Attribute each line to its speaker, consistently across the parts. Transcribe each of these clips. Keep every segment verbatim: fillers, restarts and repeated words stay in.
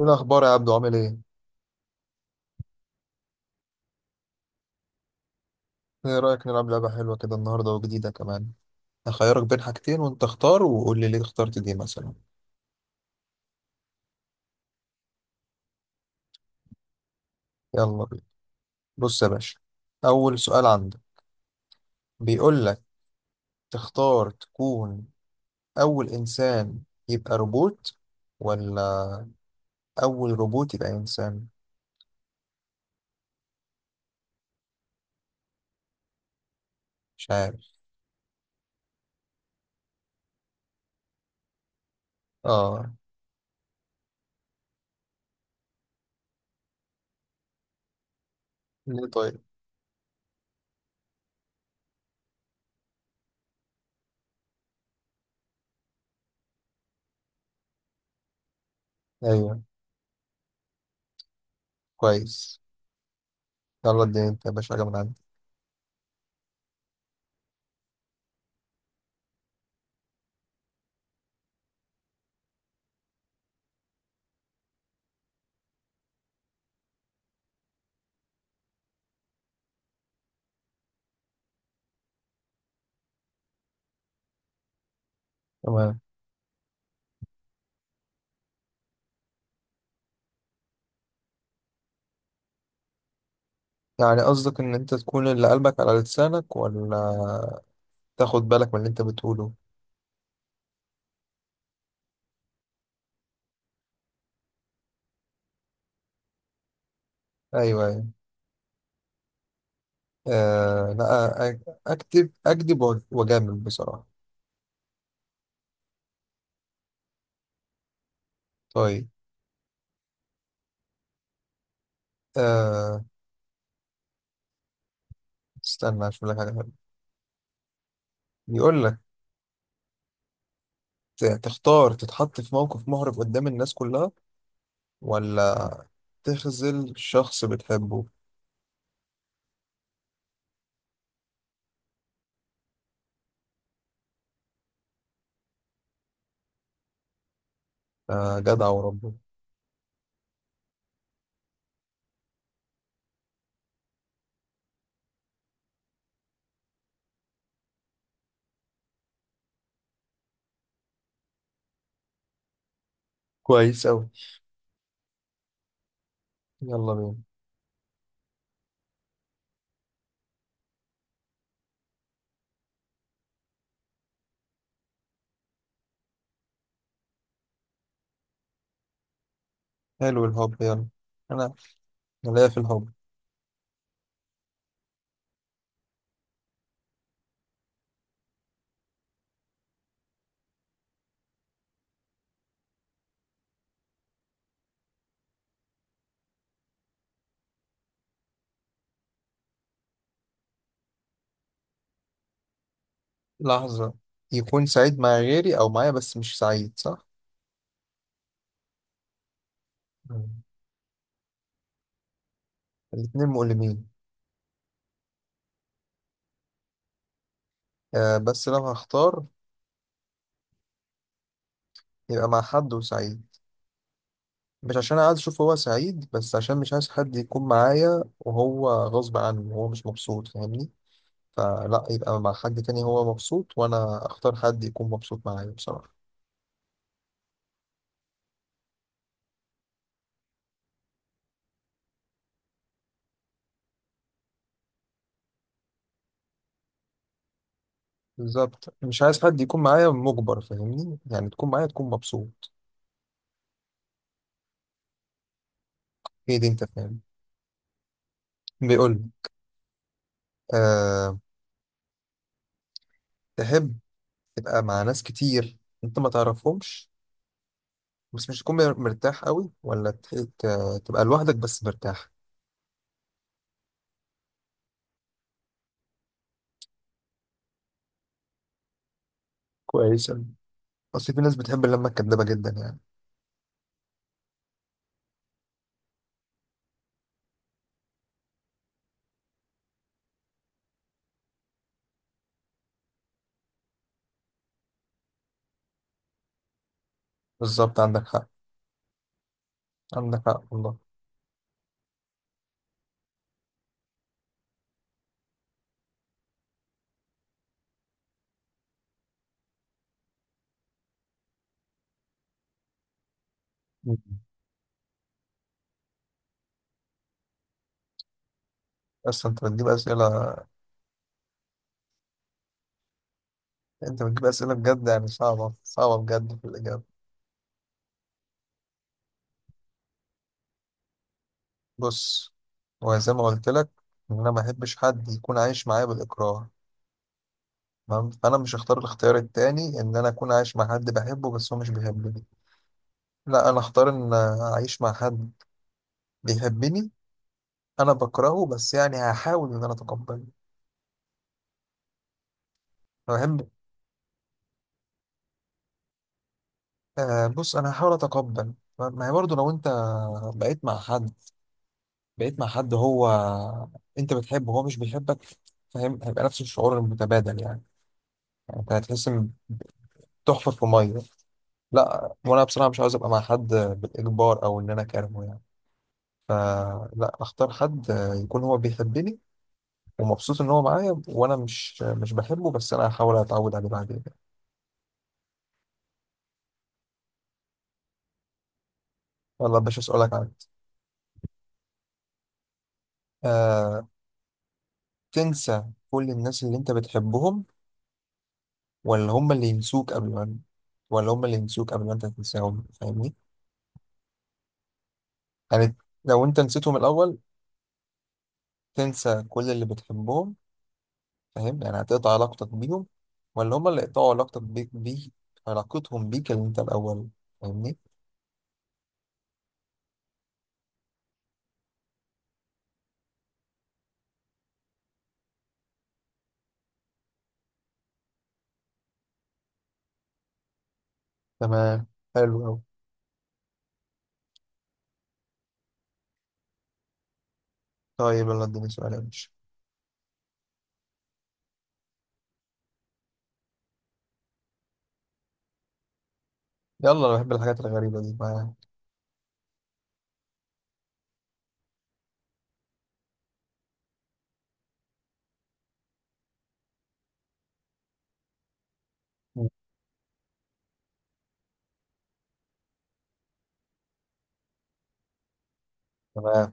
Speaker 1: ايه الاخبار يا عبدو؟ عامل ايه؟ ايه رايك نلعب لعبه حلوه كده النهارده وجديده كمان؟ هخيرك بين حاجتين وانت اختار وقول لي ليه اخترت دي مثلا. يلا بينا. بص يا باشا، اول سؤال عندك، بيقول لك تختار تكون اول انسان يبقى روبوت، ولا اول روبوت يبقى انسان؟ مش عارف. اه. ليه طيب؟ ايوه، كويس. يلا اديني انت يا باشا حاجه من عندي. تمام. يعني قصدك ان انت تكون اللي قلبك على لسانك، ولا تاخد بالك من اللي انت بتقوله؟ ايوه، أيوه. آه لا، أ- أكتب أكذب وأج- وأجامل بصراحة. طيب. آه، استنى أشوف لك حاجة حلوة. بيقول لك ت- تختار تتحط في موقف محرج قدام الناس كلها، ولا تخذل شخص بتحبه؟ آه جدع وربه. كويس أوي. يلا بينا. حلو، الحب، يلا. أنا، أنا ليا في الحب. لحظة، يكون سعيد مع غيري أو معايا بس مش سعيد، صح؟ مم. الاتنين مؤلمين. آه بس لو هختار، يبقى مع حد وسعيد، مش عشان عايز اشوف هو سعيد، بس عشان مش عايز حد يكون معايا وهو غصب عنه وهو مش مبسوط، فاهمني؟ فلا يبقى مع حد تاني هو مبسوط، وانا اختار حد يكون مبسوط معايا بصراحة. بالظبط، مش عايز حد يكون معايا مجبر، فاهمني؟ يعني تكون معايا تكون مبسوط. هي دي، انت فاهم. بيقول لي أه، تحب تبقى مع ناس كتير انت ما تعرفهمش بس مش تكون مر- مرتاح قوي، ولا تح- ت- تبقى لوحدك بس مرتاح؟ كويس أوي. اصل في ناس بتحب اللمة الكدابة جدا يعني. بالظبط، عندك حق. عندك حق والله. مم. بس انت بتجيب اسئله، انت بتجيب اسئله بجد يعني، صعبه صعبه بجد في الاجابه. بص، هو زي ما قلت لك، ان انا ما احبش حد يكون عايش معايا بالاكراه، تمام؟ فانا مش هختار الاختيار التاني ان انا اكون عايش مع حد بحبه بس هو مش بيحبني. لا، انا اختار ان اعيش مع حد بيحبني، انا بكرهه بس يعني هحاول ان انا اتقبله. انا بحب، آه بص انا هحاول اتقبل. ما ما هي برضه، لو انت بقيت مع حد، بقيت مع حد هو انت بتحبه وهو مش بيحبك، فاهم؟ هيبقى نفس الشعور المتبادل يعني. يعني انت هتحس ان تحفر في ميه. لا، وانا بصراحه مش عاوز ابقى مع حد بالاجبار او ان انا كارهه يعني. فلا، اختار حد يكون هو بيحبني ومبسوط ان هو معايا، وانا مش مش بحبه بس انا هحاول اتعود عليه بعدين. والله يا باشا اسالك عن، آه، تنسى كل الناس اللي انت بتحبهم، ولا هم اللي ينسوك قبل ما، ولا هم اللي ينسوك قبل ما انت تنساهم، فاهمني؟ يعني لو انت نسيتهم الاول، تنسى كل اللي بتحبهم، فاهم؟ يعني هتقطع علاقتك بيهم، ولا هما اللي يقطعوا علاقتك بيك بيه، علاقتهم بيك اللي انت الاول، فاهمني؟ تمام، حلو قوي. طيب يلا اديني سؤال يا باشا. يلا انا بحب الحاجات الغريبه دي ما. تمام.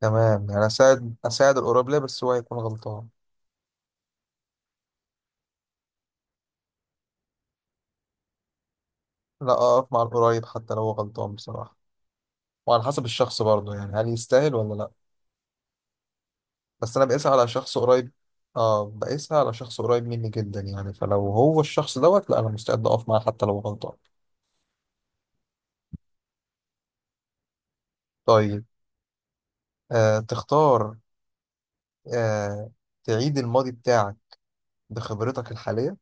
Speaker 1: تمام، يعني اساعد اساعد القريب ليه بس هو هيكون غلطان؟ لا، اقف مع القريب حتى لو هو غلطان بصراحه، وعلى حسب الشخص برضه يعني، هل يستاهل ولا لا. بس انا بقيسها على شخص قريب، اه بقيسها على شخص قريب مني جدا يعني، فلو هو الشخص دوت، لا انا مستعد اقف معاه حتى لو غلطان. طيب. آه تختار، آه، تعيد الماضي بتاعك بخبرتك الحالية،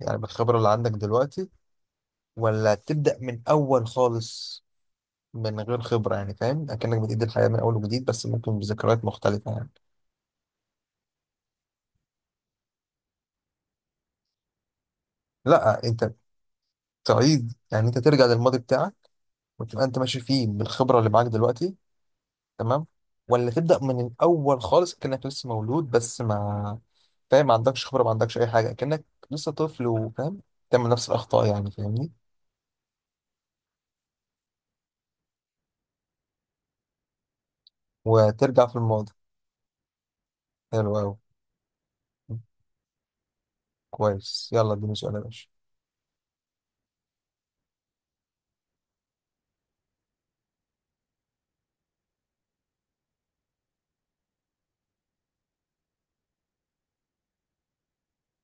Speaker 1: يعني بالخبرة اللي عندك دلوقتي، ولا تبدأ من أول خالص من غير خبرة، يعني فاهم أكنك بتعيد الحياة من أول وجديد بس ممكن بذكريات مختلفة يعني. لا أنت تعيد، يعني أنت ترجع للماضي بتاعك وتبقى أنت ماشي فيه بالخبرة اللي معاك دلوقتي. تمام. ولا تبدأ من الأول خالص كأنك لسه مولود، بس ما فاهم، ما عندكش خبرة، ما عندكش أي حاجة، كأنك لسه طفل وفاهم تعمل نفس الأخطاء يعني، فاهمني؟ وترجع في الماضي. حلو أوي، كويس. يلا اديني سؤال يا باشا.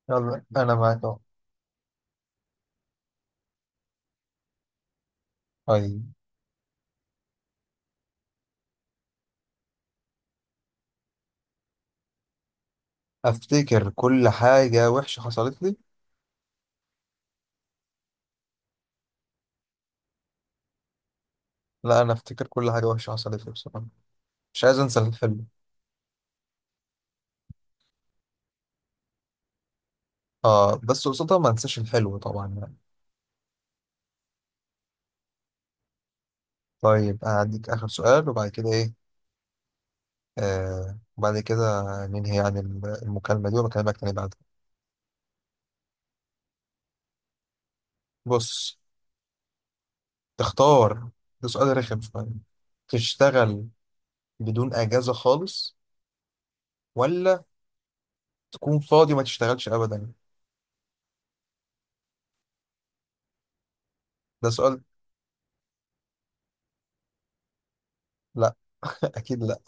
Speaker 1: يلا أنا معاك أهو. طيب. أفتكر كل حاجة وحشة حصلت لي. لا، أنا أفتكر كل حاجة وحشة حصلت لي بصراحة، مش عايز أنسى الحلو. آه بس قصادها ما أنساش الحلو طبعا يعني. طيب، أديك آخر سؤال وبعد كده إيه، آه وبعد كده ننهي يعني المكالمة دي وبكلمك تاني بعدها. بص، تختار، ده سؤال رخم شوية، تشتغل بدون أجازة خالص، ولا تكون فاضي وما تشتغلش أبدا؟ ده سؤال. لا. أكيد لا.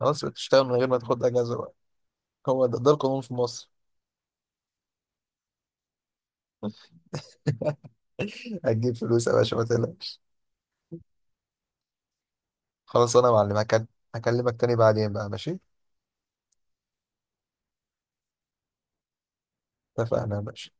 Speaker 1: خلاص يبقى تشتغل من غير ما تاخد أجازة بقى. هو ده, ده, القانون في مصر. هتجيب فلوس يا باشا ما تقلقش. خلاص أنا يا معلم هكل- هكلمك تاني بعدين بقى، ماشي. اتفقنا يا باشا.